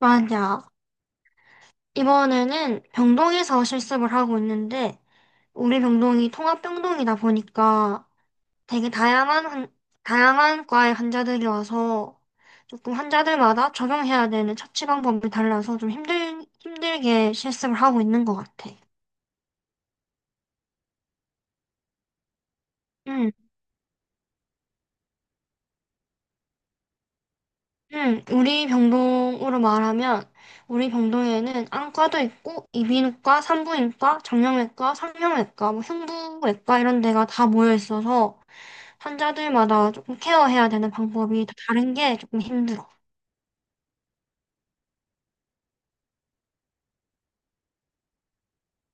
맞아. 이번에는 병동에서 실습을 하고 있는데, 우리 병동이 통합병동이다 보니까 되게 다양한 과의 환자들이 와서 조금 환자들마다 적용해야 되는 처치 방법이 달라서 좀 힘들게 실습을 하고 있는 것 같아. 응. 응, 우리 병동으로 말하면 우리 병동에는 안과도 있고 이비인후과, 산부인과, 정형외과, 성형외과, 뭐 흉부외과 이런 데가 다 모여 있어서 환자들마다 조금 케어해야 되는 방법이 다 다른 게 조금 힘들어.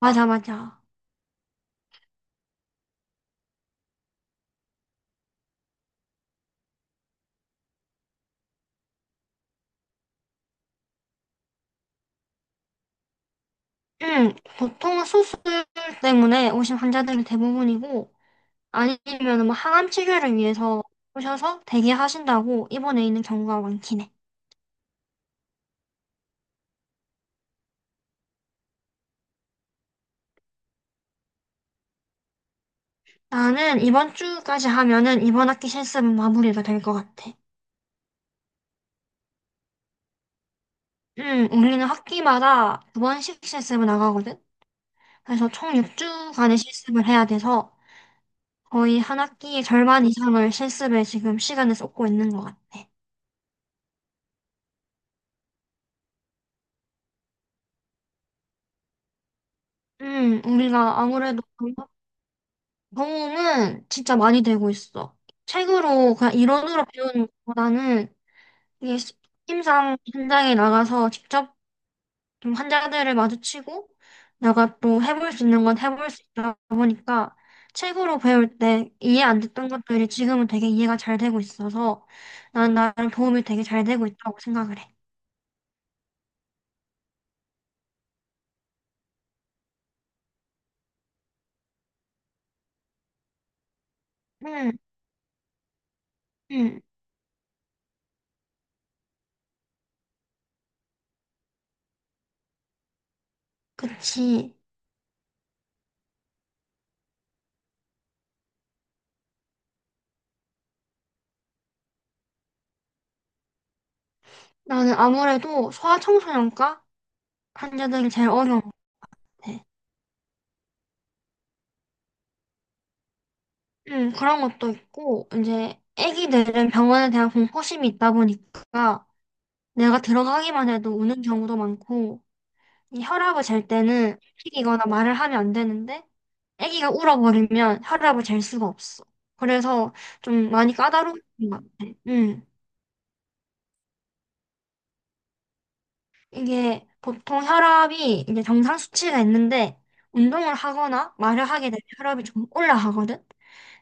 맞아, 맞아. 응, 보통은 수술 때문에 오신 환자들이 대부분이고, 아니면 뭐 항암 치료를 위해서 오셔서 대기하신다고 입원해 있는 경우가 많긴 해. 나는 이번 주까지 하면은 이번 학기 실습은 마무리가 될 것 같아. 우리는 학기마다 두 번씩 실습을 나가거든. 그래서 총 6주간의 실습을 해야 돼서 거의 한 학기의 절반 이상을 실습에 지금 시간을 쏟고 있는 것 같아. 우리가 아무래도 경험은 진짜 많이 되고 있어. 책으로 그냥 이론으로 배우는 것보다는 이게 시- 팀상 현장에 나가서 직접 좀 환자들을 마주치고 내가 또 해볼 수 있는 건 해볼 수 있다 보니까 책으로 배울 때 이해 안 됐던 것들이 지금은 되게 이해가 잘 되고 있어서 난 나를 도움이 되게 잘 되고 있다고 생각을 해. 응, 응, 그치. 나는 아무래도 소아청소년과 환자들이 제일 어려운 것 같아. 응, 그런 것도 있고, 이제 아기들은 병원에 대한 공포심이 있다 보니까 내가 들어가기만 해도 우는 경우도 많고, 이 혈압을 잴 때는 움직이거나 말을 하면 안 되는데 아기가 울어버리면 혈압을 잴 수가 없어. 그래서 좀 많이 까다로운 것 같아. 이게 보통 혈압이 이제 정상 수치가 있는데 운동을 하거나 말을 하게 되면 혈압이 좀 올라가거든.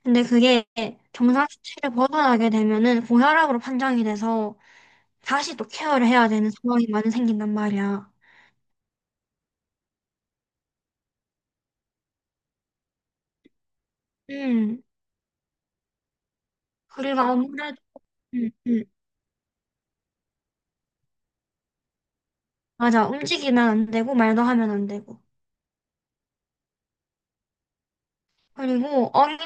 근데 그게 정상 수치를 벗어나게 되면은 고혈압으로 판정이 돼서 다시 또 케어를 해야 되는 상황이 많이 생긴단 말이야. 음, 그리고 아무래도 음, 음. 맞아. 움직이면 안 되고, 말도 하면 안 되고. 그리고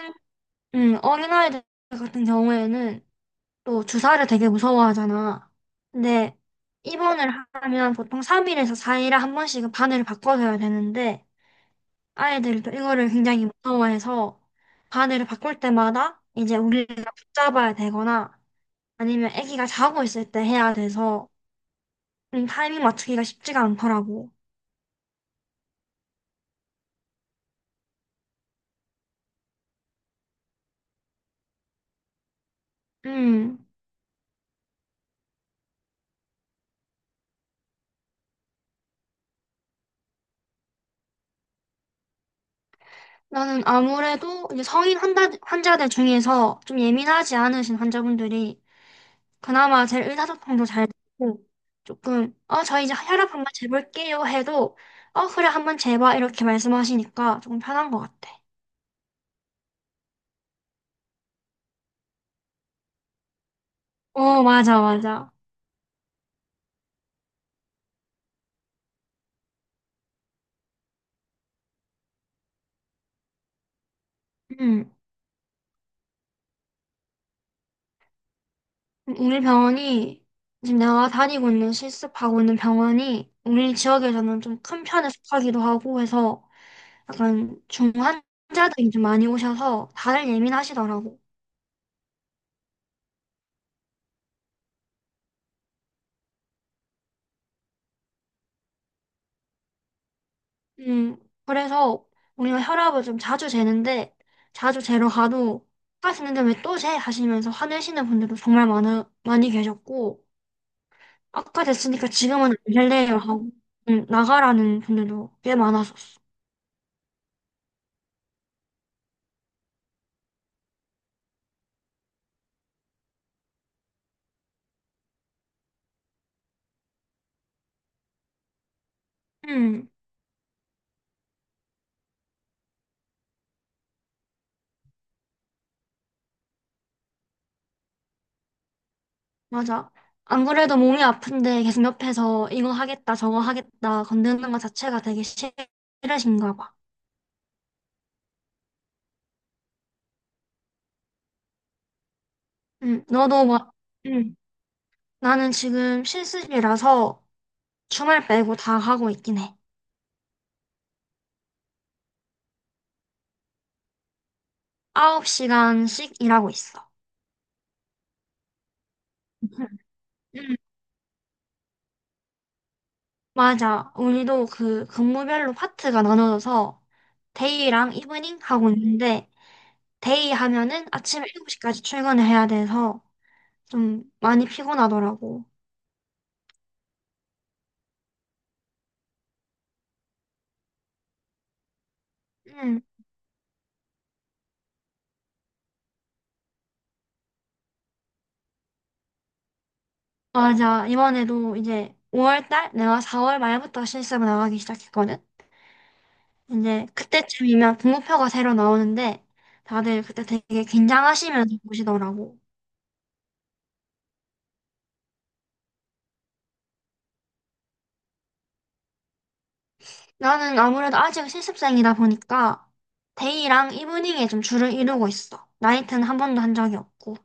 어린아이들 같은 경우에는 또 주사를 되게 무서워하잖아. 근데 입원을 하면 보통 3일에서 4일에 한 번씩은 바늘을 바꿔줘야 되는데 아이들이 또 이거를 굉장히 무서워해서 바늘을 바꿀 때마다 이제 우리가 붙잡아야 되거나 아니면 아기가 자고 있을 때 해야 돼서 타이밍 맞추기가 쉽지가 않더라고. 음. 나는 아무래도 이제 성인 환자들 중에서 좀 예민하지 않으신 환자분들이 그나마 제 의사소통도 잘 되고, 조금 어 저 이제 혈압 한번 재볼게요 해도 어 그래 한번 재봐 이렇게 말씀하시니까 조금 편한 것 같아. 어 맞아 맞아. 음, 우리 병원이 지금 내가 다니고 있는 실습하고 있는 병원이 우리 지역에서는 좀 큰 편에 속하기도 하고 해서 약간 중환자들이 좀 많이 오셔서 다들 예민하시더라고. 음, 그래서 우리가 혈압을 좀 자주 재는데, 자주 재러 가도, 아까 는데 왜 또 재? 하시면서 화내시는 분들도 정말 많이 계셨고, 아까 됐으니까 지금은 안 될래요 하고, 나가라는 분들도 꽤 많았었어. 음, 맞아. 안 그래도 몸이 아픈데 계속 옆에서 이거 하겠다, 저거 하겠다, 건드는 것 자체가 되게 싫으신가 봐. 너도 막, 음, 나는 지금 실습이라서 주말 빼고 다 하고 있긴 해. 아홉 시간씩 일하고 있어. 음. 맞아. 우리도 그 근무별로 파트가 나눠져서 데이랑 이브닝 하고 있는데 데이 하면은 아침 7시까지 출근을 해야 돼서 좀 많이 피곤하더라고. 응, 맞아. 이번에도 이제 5월달 내가 4월 말부터 실습을 나가기 시작했거든. 이제 그때쯤이면 등급표가 새로 나오는데 다들 그때 되게 긴장하시면서 보시더라고. 나는 아무래도 아직 실습생이다 보니까 데이랑 이브닝에 좀 주를 이루고 있어. 나이트는 한 번도 한 적이 없고.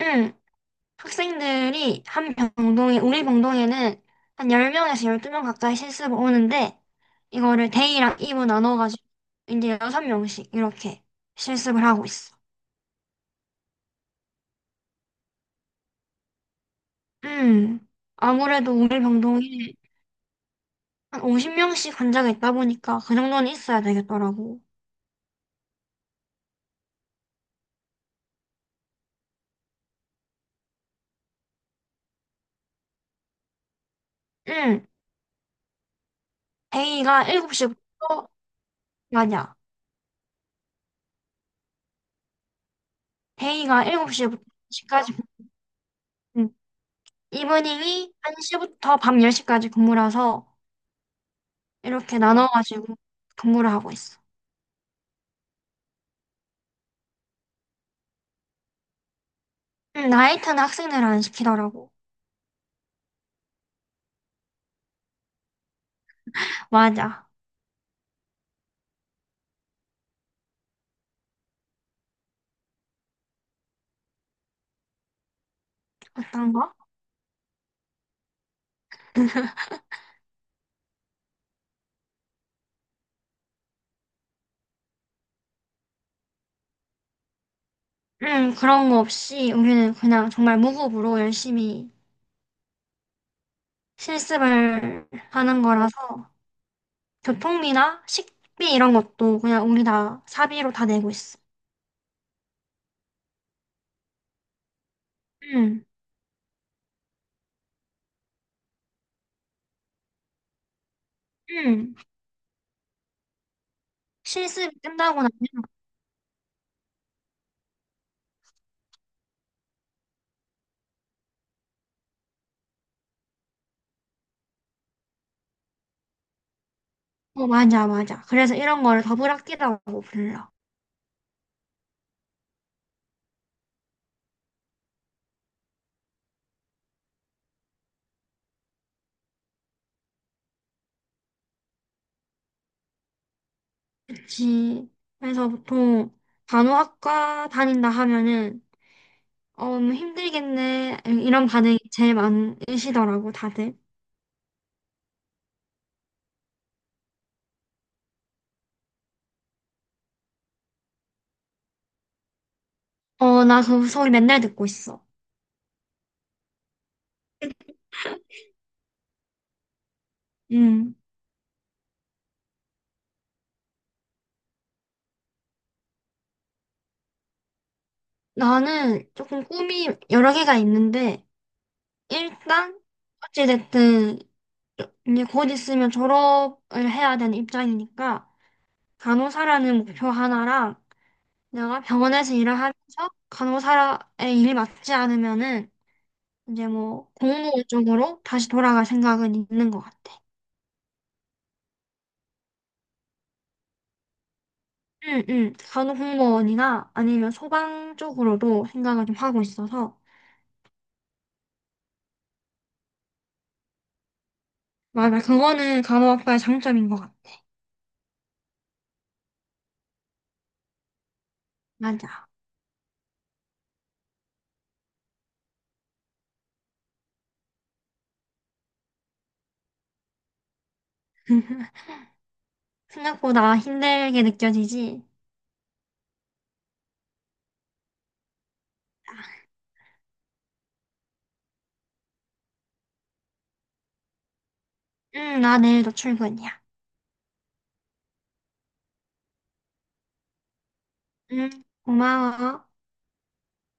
응, 학생들이 우리 병동에는 한 10명에서 12명 가까이 실습 오는데 이거를 데이랑 이브 나눠가지고 이제 6명씩 이렇게 실습을 하고 있어. 음, 아무래도 우리 병동에 한 50명씩 환자가 있다 보니까 그 정도는 있어야 되겠더라고. 응, 데이가 7시부터 맞아. 데이가 7시부터 10시까지, 이브닝이 1시부터 밤 10시까지 근무라서 이렇게 나눠가지고 근무를 하고 있어. 나이트는 학생들 안 시키더라고. 맞아. 어떤 거? 그런 거 없이 우리는 그냥 정말 무급으로 열심히 실습을 하는 거라서 교통비나 식비 이런 것도 그냥 우리 다 사비로 다 내고 있어. 음, 음. 실습이 끝나고 나면, 어, 맞아, 맞아. 그래서 이런 거를 더블학기라고 불러. 그치. 그래서 보통 간호학과 다닌다 하면은 어, 뭐 힘들겠네 이런 반응이 제일 많으시더라고 다들. 어, 나 그 소리 맨날 듣고 있어. 음. 나는 조금 꿈이 여러 개가 있는데 일단 어찌됐든 이제 곧 있으면 졸업을 해야 되는 입장이니까 간호사라는 목표 하나랑 내가 병원에서 일을 하면서 간호사의 일이 맞지 않으면은 이제 뭐 공무원 쪽으로 다시 돌아갈 생각은 있는 것 같아. 응, 응. 간호공무원이나 아니면 소방 쪽으로도 생각을 좀 하고 있어서. 맞아. 그거는 간호학과의 장점인 것 같아. 맞아. 생각보다 힘들게 느껴지지. 응, 나 내일도 출근이야. 응, 고마워.